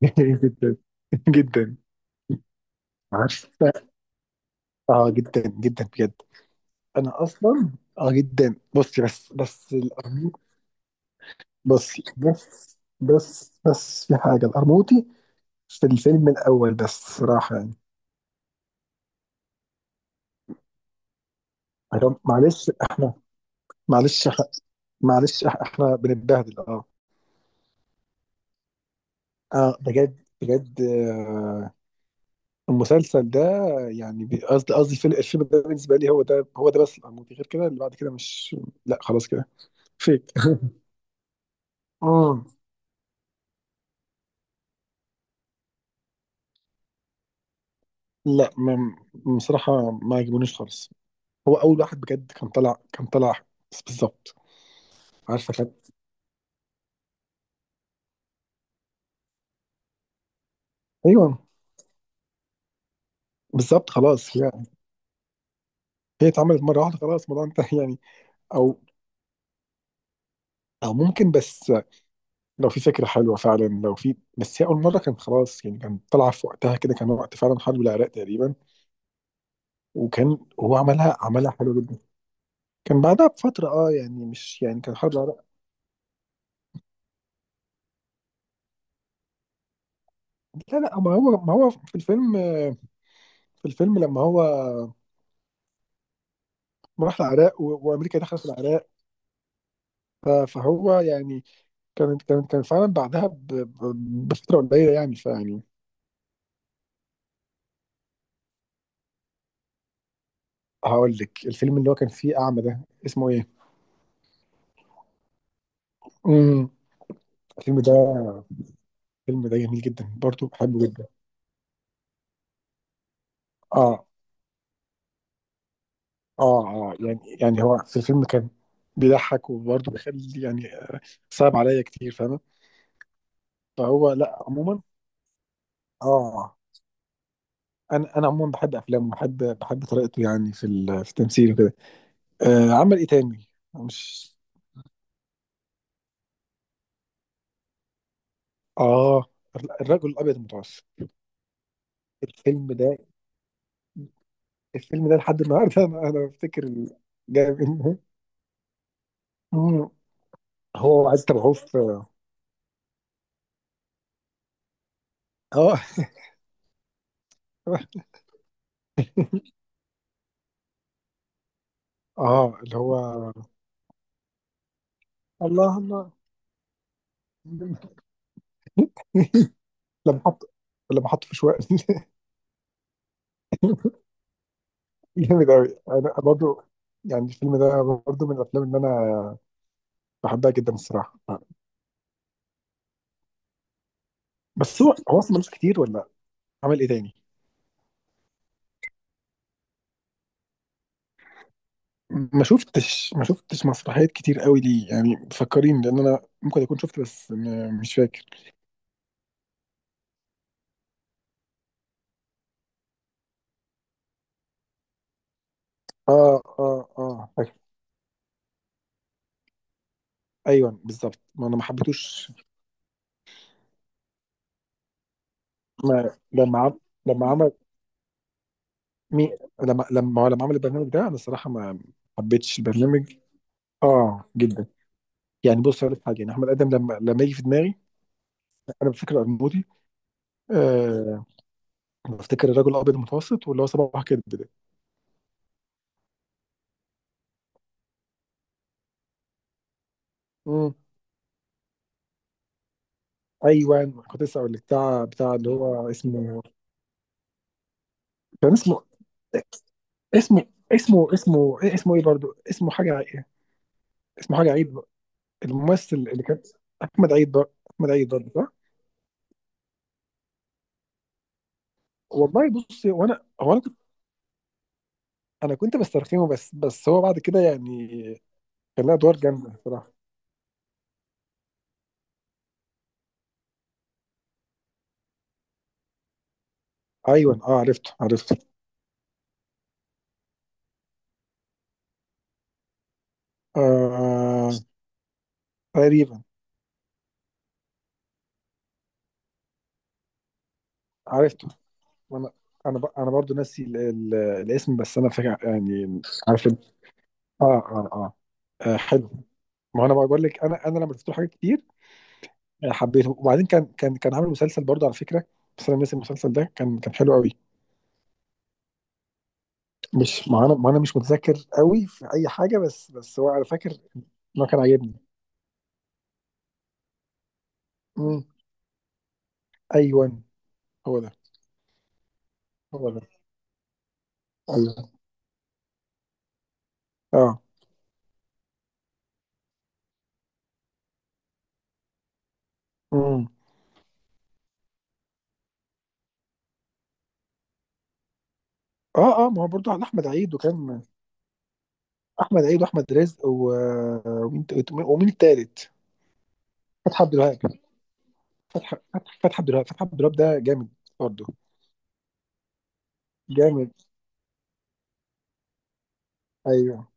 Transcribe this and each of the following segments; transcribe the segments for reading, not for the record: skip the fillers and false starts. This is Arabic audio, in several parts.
جدا جدا. عارف. اه جدا جدا بجد. انا اصلا اه جدا. بصي بس القرموطي. بصي بس في حاجه، القرموطي في الفيلم الاول بس، صراحه يعني. معلش احنا، معلش إحنا- احنا بنتبهدل. اه اه بجد بجد آه. المسلسل ده يعني قصدي قصدي الفيلم الفيلم ده بالنسبه لي هو ده، هو ده بس. القرموطي غير كده، اللي بعد كده مش، لا خلاص كده فيك. اه. لا ما بصراحة، ما عجبونيش خالص. هو أول واحد بجد، كان طلع كان طلع بالظبط. عارفة كان، أيوه بالظبط خلاص. هي هي اتعملت مرة واحدة، خلاص الموضوع انتهى يعني. أو أو ممكن بس، لو في فكرة حلوة فعلا، لو في، بس هي أول مرة كان خلاص يعني. كان طالعة في وقتها كده، كان وقت فعلا حرب العراق تقريبا. وكان هو عملها عملها حلو جدا. كان بعدها بفترة، اه يعني مش يعني، كان حرب العراق. لا لا، ما هو ما هو في الفيلم، في الفيلم لما هو راح العراق وأمريكا دخلت العراق. فهو يعني كان كان كان فعلا بعدها بفتره قليله، يعني فيعني. هقول لك الفيلم اللي هو كان فيه اعمى ده اسمه ايه؟ امم الفيلم ده، الفيلم ده جميل جدا برضو، بحبه جدا. اه اه اه، يعني يعني هو في الفيلم كان بيضحك وبرضه بيخلي يعني صعب عليا كتير، فاهمه. فهو لا عموما اه. انا انا عموما بحب افلامه، بحب بحب طريقته يعني في في التمثيل وكده. آه، عمل ايه تاني؟ مش، اه الرجل الابيض المتوسط. الفيلم ده، الفيلم ده لحد النهارده، انا انا بفتكر جاي منه. مم. هو وعد تبعوه في. اه اه، اللي هو الله الله. لما حط، لما حط في شوية. جامد قوي، انا برضو يعني الفيلم ده، برضو من الافلام اللي انا بحبها جدا الصراحه. بس هو هو اصلا ملوش كتير، ولا عمل ايه تاني؟ ما شفتش، ما شفتش مسرحيات كتير قوي ليه، يعني فكريني، لان انا ممكن اكون شفت، بس مش فاكر. اه اه اه، ايوه بالظبط، ما انا ما حبيتوش. ما لما عم... لما عمل، مي... لما لما هو عمل البرنامج ده، انا الصراحه ما حبيتش البرنامج. اه جدا. يعني بص، هقول لك حاجه، يعني احمد ادم لما لما يجي في دماغي، انا بفتكر القرموطي، آه، بفتكر الرجل الابيض المتوسط واللي هو صباح كده ده. امم ايوه، كنت لسه اقول لك بتاع بتاع اللي هو اسمه، كان اسمه، اسمه، اسمه، اسمه إيه، اسمه ايه برضه، اسمه حاجه، اسمه حاجه عيد. الممثل اللي كان احمد عيد برضه، احمد عيد برضه. والله بصي، وانا هو انا كنت، انا كنت بسترخيه بس، بس هو بعد كده يعني كان لها ادوار جامده بصراحه. ايوه اه، عرفته عرفته. آه تقريبا، عرفته. انا انا انا برضو ناسي الاسم، بس انا فاكر يعني. عارف اه اه اه. آه، حلو. ما انا بقول لك، انا انا لما شفت له حاجات كتير، آه، حبيته. وبعدين كان كان كان عامل مسلسل برضه على فكره، بس انا ناسي المسلسل ده، كان كان حلو قوي. مش، ما انا ما انا مش متذكر قوي في اي حاجه، بس هو انا فاكر انه كان عاجبني. أيوه، هو ده، هو ده، أيوه، آه، إمم، آه، آه، ما هو برضه عن أحمد عيد وكان أحمد عيد وأحمد رزق و ومين ت ومين التالت؟ فتحي عبد الوهاب، فتحي فتحي فتحي عبد الوهاب، فتحي عبد الوهاب ده جامد برضه، جامد، أيوه،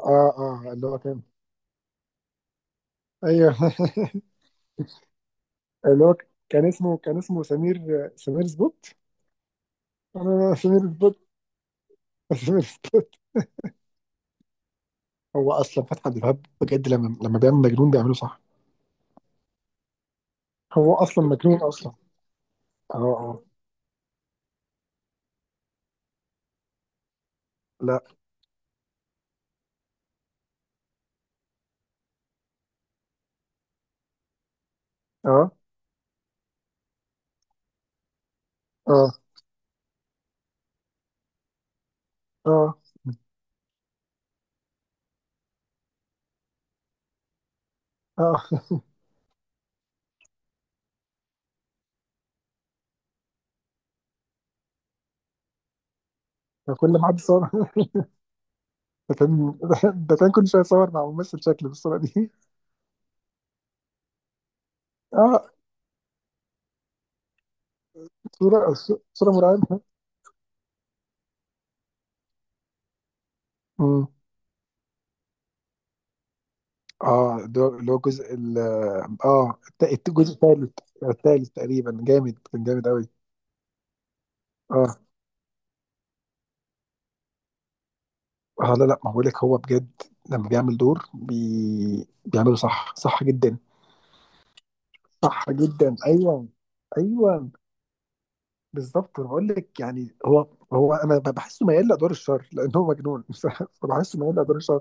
آه، آه، اللي هو كان أيوه. اللي هو كان اسمه، كان اسمه سمير، سمير سبوت؟ آه، سمير سبوت، سمير سبوت، هو أصلًا فتحي عبد الوهاب بجد لمّا لمّا بيعمل مجنون بيعمله صح، هو أصلًا مجنون أصلًا، آه، آه، لأ، آه، آه. اه اه. كل ما حد صور. ده كان، ده كان كل شويه صور مع ممثل شكل بالصوره دي. اه، صوره، صوره مرعبه. مم. اه، ده اللي هو اه الجزء الثالث. الثالث تقريبا، جامد كان جامد قوي. اه اه، لا لا، ما بقولك هو بجد لما بيعمل دور بيعمله صح، صح جدا. صح جدا ايوه، ايوه بالظبط. انا بقول لك يعني، هو هو انا بحسه ميال لادوار الشر لان هو مجنون. فبحسه ميال لادوار الشر.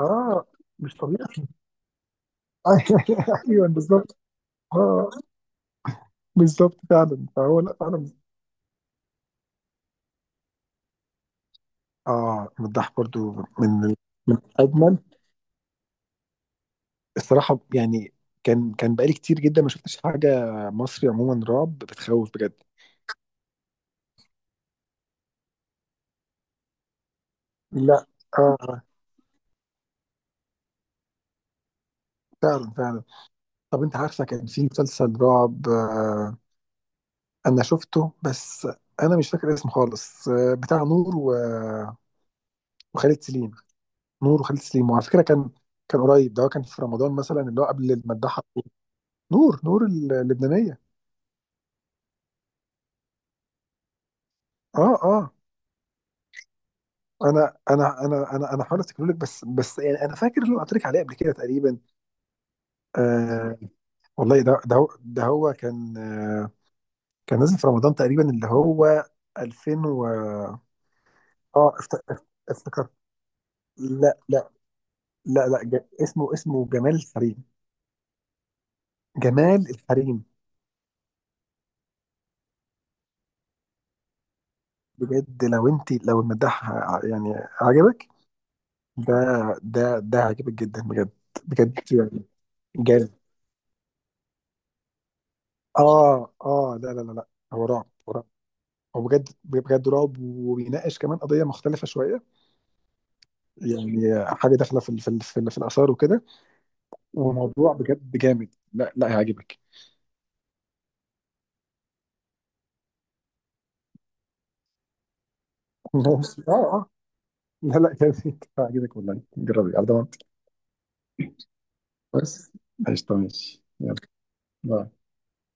اه مش طبيعي. ايوه بالظبط. اه بالظبط فعلا، فهو لا فعلا. اه، مداح برضو من اجمل الصراحه يعني. كان كان بقالي كتير جدا ما شفتش حاجه مصري عموما رعب بتخوف بجد. لا اه آه، فعلا فعلا. طب انت عارفه كان في مسلسل رعب آه. انا شفته بس انا مش فاكر اسمه خالص، آه، بتاع نور وخالد سليم. نور وخالد سليم، وعلى فكره كان كان قريب ده، هو كان في رمضان مثلا اللي هو قبل المداح. نور، نور اللبنانيه. اه اه، انا حاول افتكر لك، بس بس يعني انا فاكر اللي أنا قلت لك عليه قبل كده تقريبا. آه والله ده ده هو ده، هو كان آه كان نازل في رمضان تقريبا اللي هو 2000 و اه افتكرت. لا لا لا لا ج... اسمه، اسمه جمال الحريم. جمال الحريم، بجد لو انت لو المداح يعني عجبك ده، ده ده عجبك جدا بجد، بجد يعني جامد. اه اه لا لا لا لا، هو رعب، هو رعب، هو بجد بجد رعب. وبيناقش كمان قضيه مختلفه شويه، يعني حاجه داخله في في الاثار وكده، وموضوع بجد جامد، لا لا هيعجبك. اه اه، لا لا جامد، هيعجبك والله، جربي على ضمانتي. بس قشطة، ماشي، يلا، باي.